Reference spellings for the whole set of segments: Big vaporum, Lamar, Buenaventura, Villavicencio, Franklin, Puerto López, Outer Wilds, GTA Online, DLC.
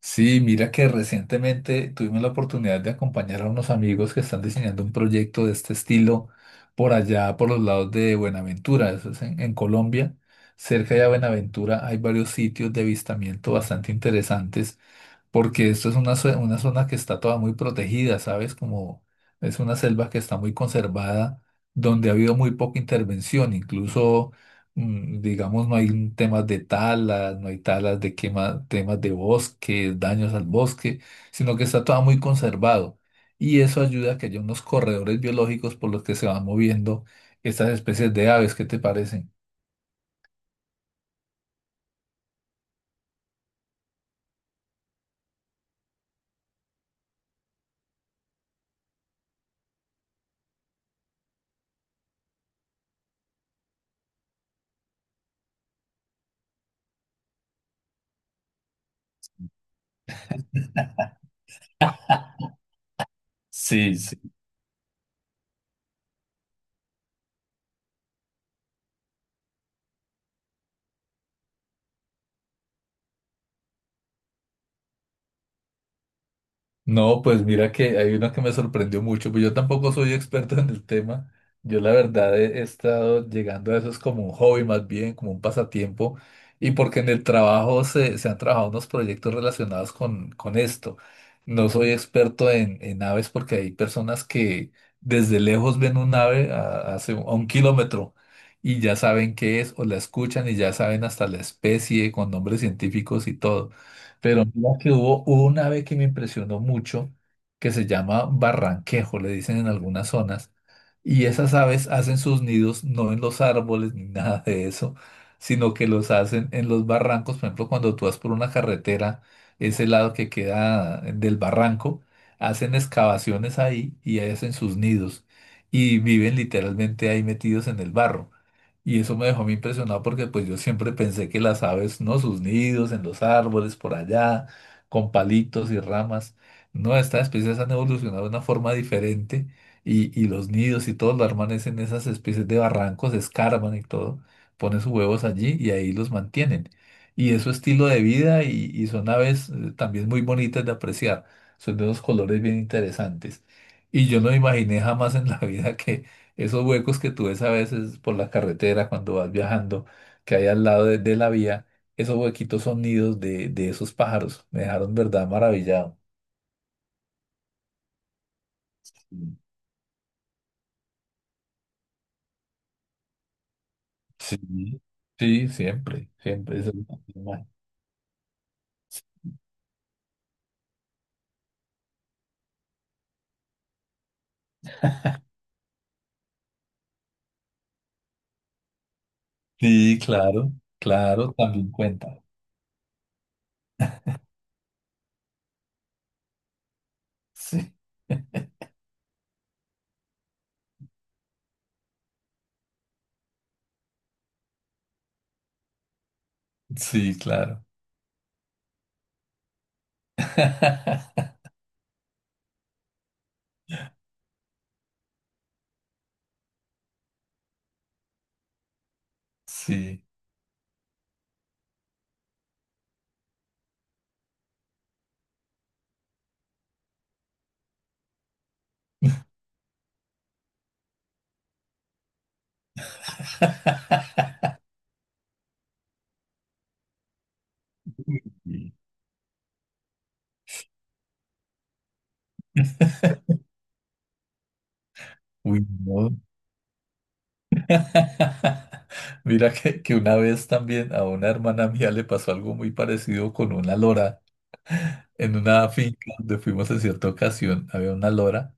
Sí, mira que recientemente tuvimos la oportunidad de acompañar a unos amigos que están diseñando un proyecto de este estilo por allá, por los lados de Buenaventura, eso es en Colombia. Cerca de Buenaventura hay varios sitios de avistamiento bastante interesantes porque esto es una zona que está toda muy protegida, ¿sabes? Como es una selva que está muy conservada, donde ha habido muy poca intervención, incluso, digamos, no hay temas de talas, no hay talas de quema, temas de bosque, daños al bosque, sino que está toda muy conservado. Y eso ayuda a que haya unos corredores biológicos por los que se van moviendo estas especies de aves, ¿qué te parecen? No, pues mira que hay una que me sorprendió mucho, pues yo tampoco soy experto en el tema. Yo la verdad he estado llegando a eso, es como un hobby más bien, como un pasatiempo, y porque en el trabajo se han trabajado unos proyectos relacionados con esto. No soy experto en aves porque hay personas que desde lejos ven un ave a 1 kilómetro y ya saben qué es o la escuchan y ya saben hasta la especie con nombres científicos y todo. Pero mira que hubo una ave que me impresionó mucho, que se llama barranquejo, le dicen en algunas zonas, y esas aves hacen sus nidos no en los árboles ni nada de eso, sino que los hacen en los barrancos. Por ejemplo, cuando tú vas por una carretera, ese lado que queda del barranco, hacen excavaciones ahí y ahí hacen sus nidos y viven literalmente ahí metidos en el barro. Y eso me dejó a mí impresionado porque pues yo siempre pensé que las aves, ¿no? Sus nidos en los árboles, por allá, con palitos y ramas. No, estas especies han evolucionado de una forma diferente y los nidos y todo lo arman es en esas especies de barrancos, escarban y todo, ponen sus huevos allí y ahí los mantienen. Y es su estilo de vida y son aves también muy bonitas de apreciar. Son de unos colores bien interesantes. Y yo no imaginé jamás en la vida esos huecos que tú ves a veces por la carretera cuando vas viajando, que hay al lado de la vía, esos huequitos son nidos de esos pájaros. Me dejaron, verdad, maravillado. Mm. Sí, sí, siempre, siempre. Eso es lo que sí, claro, claro, también cuenta. Sí, sí, claro. Sí. Uy, uy, no, mira que una vez también a una hermana mía le pasó algo muy parecido con una lora en una finca donde fuimos en cierta ocasión, había una lora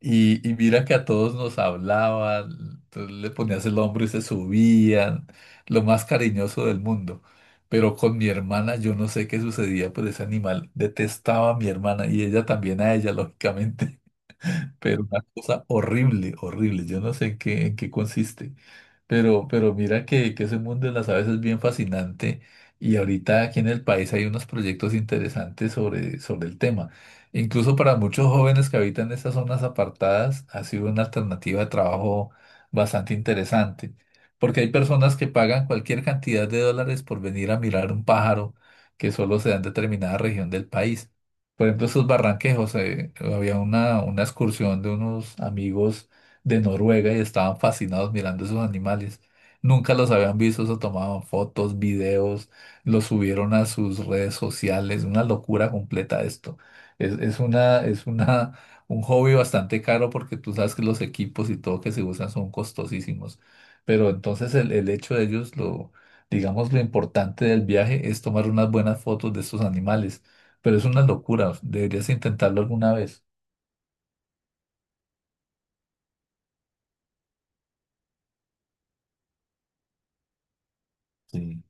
y mira que a todos nos hablaban, entonces le ponías el hombro y se subían, lo más cariñoso del mundo. Pero con mi hermana yo no sé qué sucedía, pues ese animal detestaba a mi hermana y ella también a ella, lógicamente, pero una cosa horrible, horrible, yo no sé en qué consiste. Pero mira que ese mundo de las aves es bien fascinante y ahorita aquí en el país hay unos proyectos interesantes sobre el tema. Incluso para muchos jóvenes que habitan estas zonas apartadas ha sido una alternativa de trabajo bastante interesante, porque hay personas que pagan cualquier cantidad de dólares por venir a mirar un pájaro que solo se da en determinada región del país. Por ejemplo, esos barranquejos, había una excursión de unos amigos de Noruega y estaban fascinados mirando esos animales. Nunca los habían visto, se tomaban fotos, videos, los subieron a sus redes sociales, una locura completa esto. Es, es una, es una, un hobby bastante caro porque tú sabes que los equipos y todo que se usan son costosísimos. Pero entonces el hecho de ellos, lo, digamos, lo importante del viaje es tomar unas buenas fotos de estos animales. Pero es una locura, deberías intentarlo alguna vez. Sí.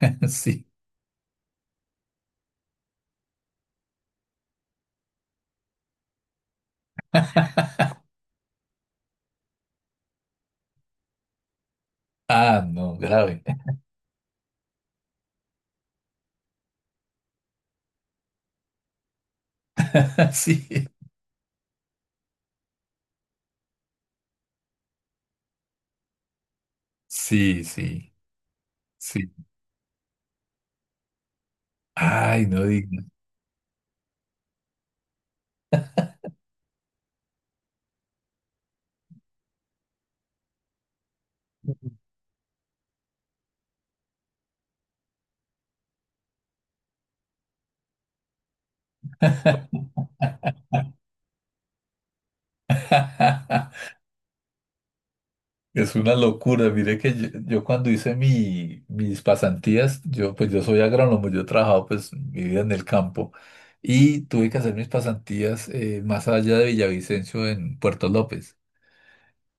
Sí. Ah, no, grave. Sí, sí, sí, sí. Ay, no digas. Es una locura. Mire que yo cuando hice mis pasantías, yo pues yo soy agrónomo, yo he trabajado pues mi vida en el campo y tuve que hacer mis pasantías más allá de Villavicencio en Puerto López.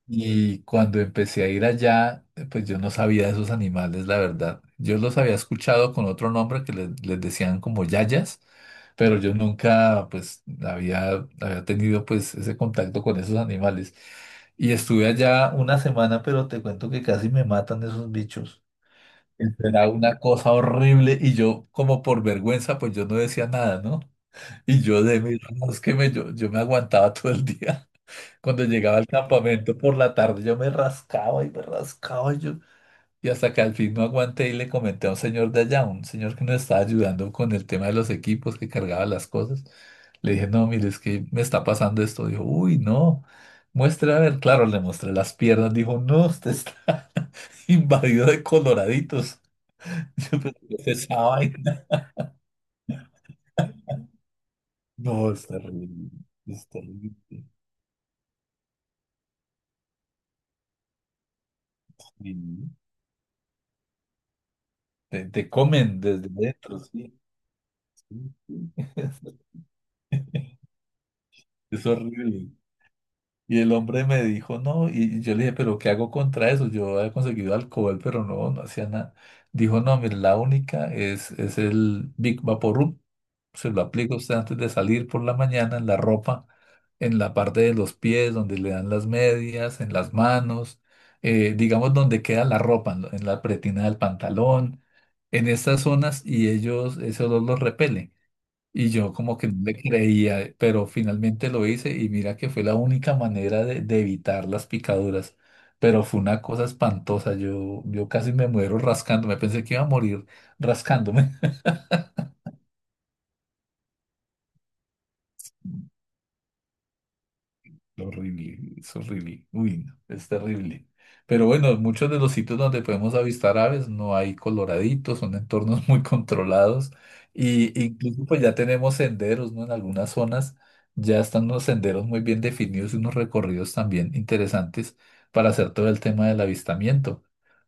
Y cuando empecé a ir allá, pues yo no sabía de esos animales, la verdad. Yo los había escuchado con otro nombre que les decían como yayas, pero yo nunca pues había tenido pues ese contacto con esos animales. Y estuve allá una semana, pero te cuento que casi me matan esos bichos. Era una cosa horrible y yo como por vergüenza pues yo no decía nada, ¿no? Y yo de mis que me, yo me aguantaba todo el día. Cuando llegaba al campamento por la tarde, yo me rascaba y yo. Y hasta que al fin no aguanté y le comenté a un señor de allá, un señor que nos estaba ayudando con el tema de los equipos, que cargaba las cosas. Le dije, no, mire, es que me está pasando esto. Dijo, uy, no, muestre a ver. Claro, le mostré las piernas. Dijo, no, usted está invadido de coloraditos. Yo "Pero ¿qué esa vaina?". No, es terrible, es terrible. Sí. Te comen desde dentro, sí. Sí, sí. Es horrible. Y el hombre me dijo, no, y yo le dije, pero ¿qué hago contra eso? Yo había conseguido alcohol, pero no, no hacía nada. Dijo, no, mire, la única es el Big vaporum. Se lo aplica usted antes de salir por la mañana en la ropa, en la parte de los pies, donde le dan las medias, en las manos, digamos donde queda la ropa, en la pretina del pantalón, en estas zonas, y ellos, ese olor los repele. Y yo como que no le creía, pero finalmente lo hice y mira que fue la única manera de evitar las picaduras. Pero fue una cosa espantosa, yo casi me muero rascándome, pensé que iba a morir rascándome. Horrible, es horrible. Uy, no, es terrible. Pero bueno, en muchos de los sitios donde podemos avistar aves no hay coloraditos, son entornos muy controlados. Y incluso pues ya tenemos senderos, ¿no? En algunas zonas ya están unos senderos muy bien definidos y unos recorridos también interesantes para hacer todo el tema del avistamiento.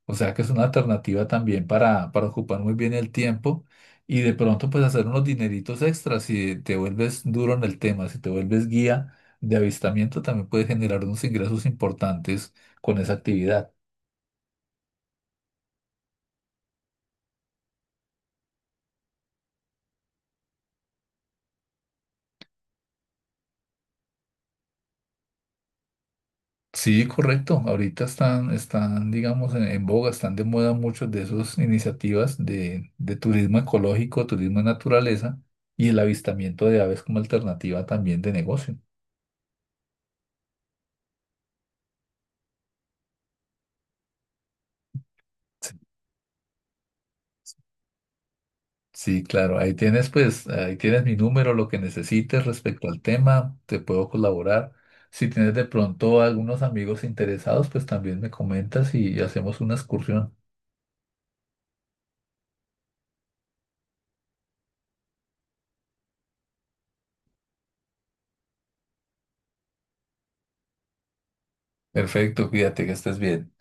O sea que es una alternativa también para ocupar muy bien el tiempo y de pronto pues hacer unos dineritos extras si te vuelves duro en el tema, si te vuelves guía de avistamiento también puede generar unos ingresos importantes con esa actividad. Sí, correcto. Ahorita están, están, digamos, en boga, están de moda muchas de esas iniciativas de turismo ecológico, turismo de naturaleza y el avistamiento de aves como alternativa también de negocio. Sí, sí, claro, ahí tienes pues, ahí tienes mi número, lo que necesites respecto al tema, te puedo colaborar. Si tienes de pronto algunos amigos interesados, pues también me comentas y hacemos una excursión. Perfecto, cuídate, que estés bien.